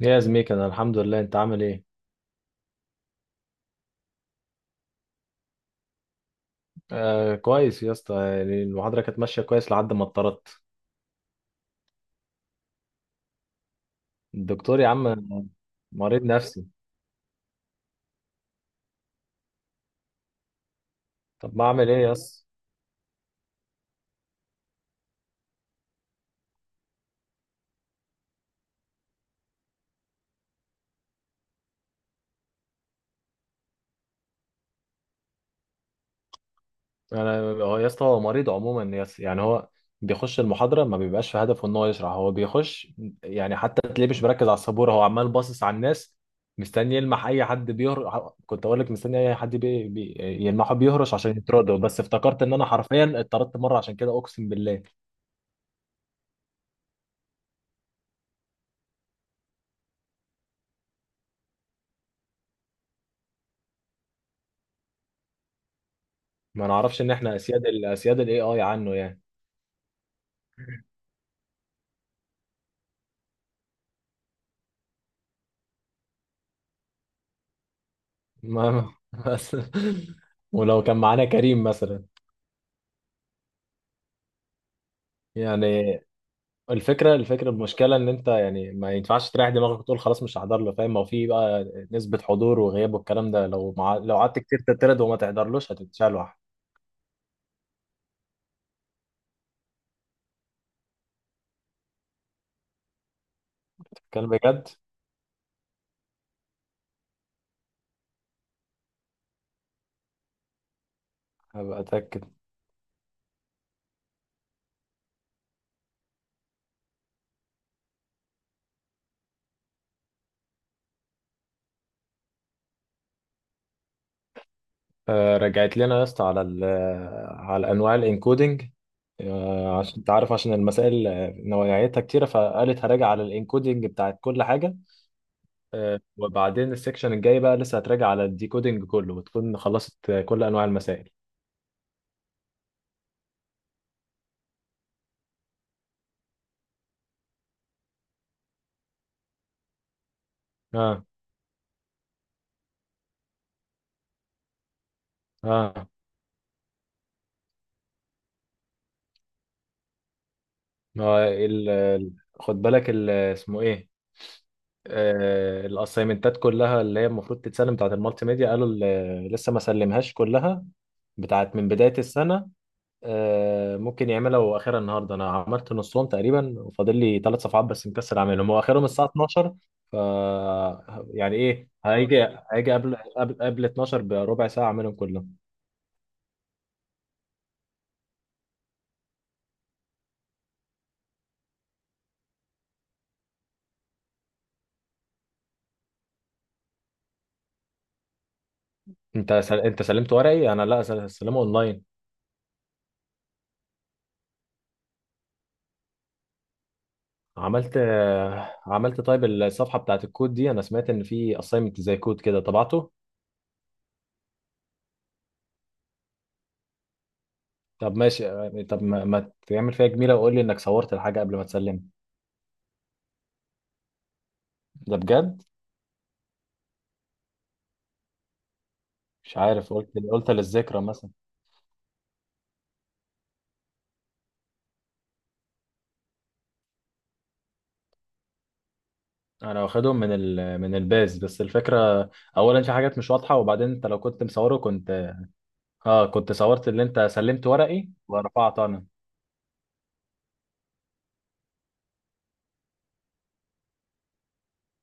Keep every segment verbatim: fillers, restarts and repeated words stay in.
يا زميك انا الحمد لله، انت عامل ايه؟ آه كويس يا اسطى، يعني المحاضره كانت ماشيه كويس لحد ما اتطردت. الدكتور يا عم مريض نفسي. طب ما اعمل ايه يا اسطى؟ انا هو يا اسطى، هو مريض عموما يا اسطى، يعني هو بيخش المحاضره ما بيبقاش في هدفه ان هو يشرح، هو بيخش يعني حتى تلاقيه مش مركز على السبوره، هو عمال باصص على الناس مستني يلمح اي حد بيهرش. كنت اقول لك مستني اي حد بي... بي... يلمحه بيهرش عشان يطرده، بس افتكرت ان انا حرفيا اتطردت مره عشان كده اقسم بالله. ما نعرفش ان احنا اسياد ال اسياد الاي اي عنه يعني. ما ما- بس ولو كان معانا كريم مثلا يعني. الفكره الفكره المشكله ان انت يعني ما ينفعش تريح دماغك وتقول خلاص مش هحضر له، فاهم؟ ما هو في بقى نسبه حضور وغياب والكلام ده، لو مع... لو قعدت كتير تترد وما تحضرلوش هتتشال. كان بجد. هبقى اتاكد. آه رجعت لنا يا اسطى على ال على انواع الانكودنج. آه، عشان انت عارف، عشان المسائل آه، نوعيتها كتيرة، فقالت هراجع على الانكودنج بتاعت كل حاجة. آه، وبعدين السكشن الجاي بقى لسه هتراجع على الديكودينج كله وتكون خلصت آه، كل انواع المسائل. اه اه. ما هو ال- ال- خد بالك ال- اسمه ايه. آه الاسايمنتات كلها اللي هي المفروض تتسلم بتاعت المالتي ميديا، قالوا ال- لسه ما سلمهاش كلها، بتاعت من بداية السنة. آه، ممكن يعملها واخرها النهارده. انا عملت نصهم تقريبا وفاضل لي ثلاث صفحات بس مكسل اعملهم، هو اخرهم الساعه اتناشر. ف يعني ايه، هيجي هيجي قبل قبل قبل اتناشر بربع ساعه اعملهم كلهم. انت سل... انت سلمت ورقي، انا لا سل- سلمه اونلاين. عملت آه، عملت. طيب الصفحه بتاعت الكود دي، انا سمعت ان في اساينمنت زي كود كده طبعته. طب ماشي آه، طب ما, ما تعمل فيها جميله وقول لي انك صورت الحاجه قبل ما تسلمها. ده بجد؟ مش عارف، قلت قلت للذكرى. انا واخدهم من ال... من الباز، بس الفكره اولا في حاجات مش واضحه، وبعدين انت لو كنت مصوره كنت، اه كنت صورت اللي انت سلمت ورقي ورفعت انا.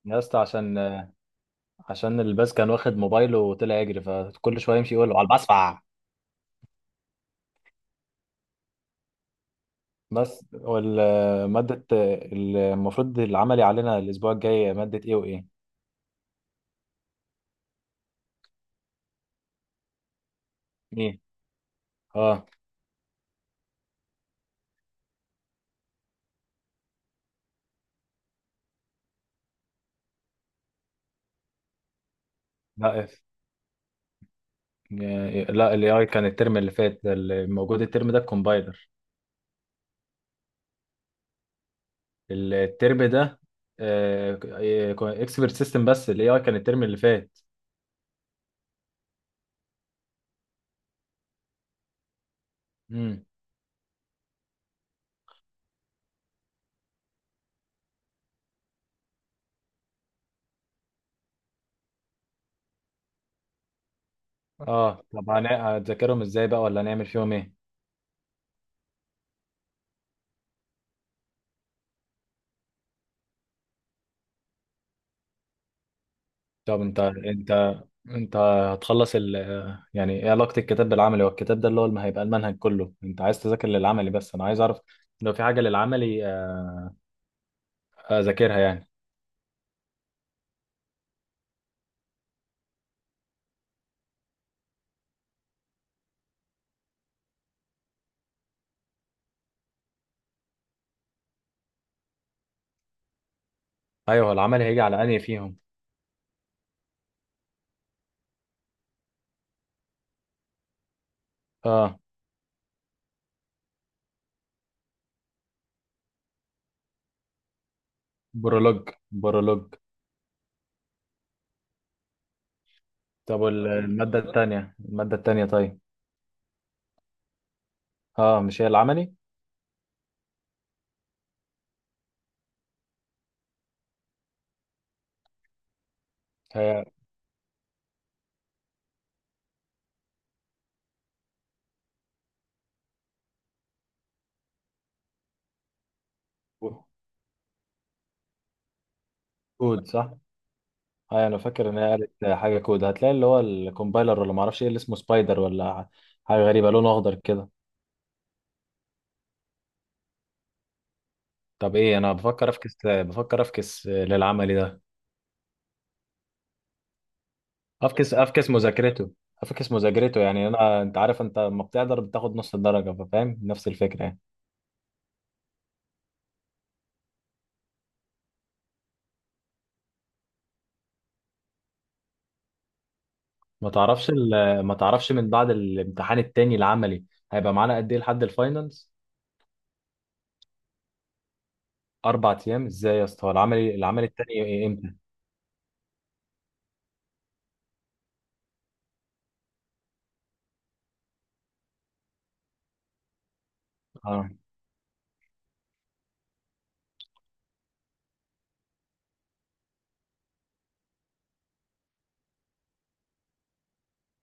يا اسطى عشان، عشان الباز كان واخد موبايله وطلع يجري، فكل شويه يمشي يقول له على البسفع. بس والماده المفروض العملي علينا الاسبوع الجاي ماده ايه وايه؟ ايه. اه لا إف. لا الاي اي كان الترم اللي فات، الموجود الترم ده الكومبايلر. الترم ده اكسبرت سيستم، بس الاي اي كان الترم اللي فات. امم. اه طب هن- هتذاكرهم ازاي بقى ولا هنعمل فيهم ايه؟ طب انت انت انت هتخلص ال، يعني ايه علاقة الكتاب بالعملي؟ هو الكتاب ده اللي هو ما هيبقى المنهج كله، انت عايز تذاكر للعملي بس، انا عايز اعرف لو في حاجة للعملي آه، اذاكرها يعني. ايوه، هو العملي هيجي على انهي فيهم؟ اه. برولوج. برولوج. طب وال- المادة التانية، المادة التانية طيب. اه مش هي العملي؟ هي كود، صح؟ هاي انا فاكر ان هي قالت حاجه كود، هتلاقي اللي هو الكومبايلر، ولا ما اعرفش ايه اللي اسمه سبايدر ولا حاجه غريبه لونه اخضر كده. طب ايه، انا بفكر افكس، بفكر افكس للعملي ده. افكس، افكس مذاكرته. افكس مذاكرته، يعني انا، انت عارف انت لما بتقدر بتاخد نص الدرجه، فاهم؟ نفس الفكره يعني. ما تعرفش ال... ما تعرفش من بعد الامتحان التاني العملي هيبقى معانا قد ايه لحد الفاينلز؟ اربع ايام؟ ازاي يا اسطى؟ هو العملي العملي التاني امتى؟ اه،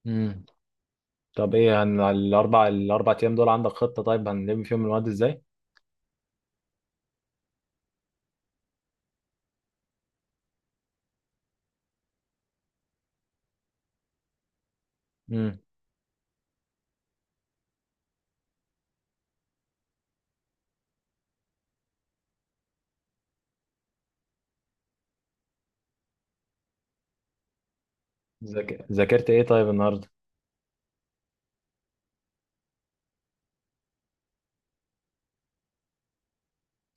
امم. طب ايه، هن الاربع الاربع ايام دول عندك خطة طيب هنلم فيهم المواد ازاي؟ امم. ذاك... ذاكرت ايه طيب النهارده؟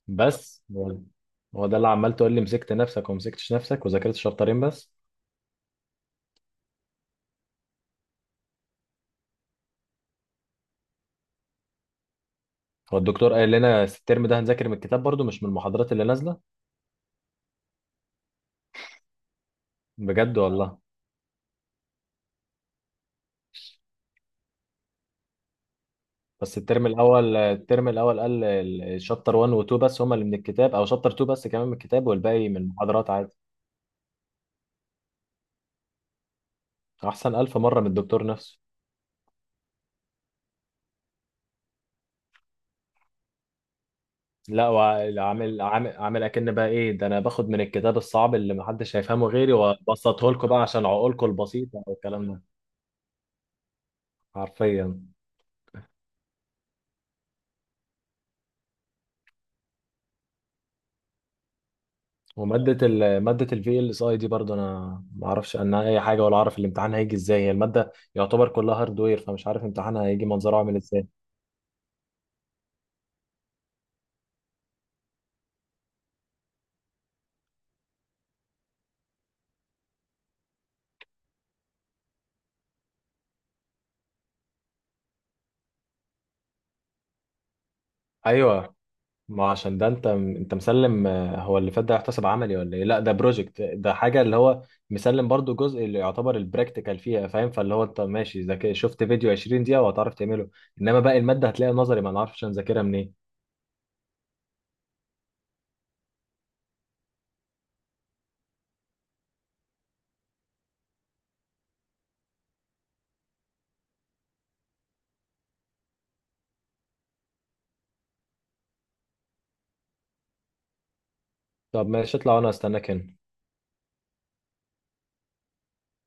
بس ولا؟ هو ده اللي عمال تقول لي مسكت نفسك ومسكتش نفسك وذاكرت شابترين بس؟ هو الدكتور قال لنا الترم ده هنذاكر من الكتاب برضو مش من المحاضرات اللي نازلة؟ بجد والله؟ بس الترم الاول، الترم الاول قال الشابتر واحد و اتنين بس هما اللي من الكتاب، او شابتر اتنين بس كمان من الكتاب والباقي من المحاضرات عادي. احسن الف مرة من الدكتور نفسه. لا وعامل، عامل عامل اكن بقى ايه ده، انا باخد من الكتاب الصعب اللي محدش هيفهمه غيري وابسطه لكم بقى عشان عقولكم البسيطه والكلام ده. حرفيا. وماده ال ماده الفي ال اس اي دي برضه، انا ما اعرفش عنها اي حاجه ولا اعرف الامتحان هيجي ازاي. هي الماده يعتبر كلها هاردوير، فمش عارف امتحانها هيجي منظره عامل ازاي. ايوه. ما عشان ده، انت انت مسلم آه، هو اللي فات ده، يحتسب عملي ولا ايه؟ لا ده بروجكت، ده حاجه اللي هو مسلم برضو جزء اللي يعتبر البراكتيكال فيها، فاهم؟ فاللي هو انت ماشي ذاك، شفت فيديو عشرين دقيقه وهتعرف تعمله. انما باقي الماده هتلاقيها نظري، ما نعرفش نذاكرها منين. طب ماشي، اطلع وانا استناك هنا.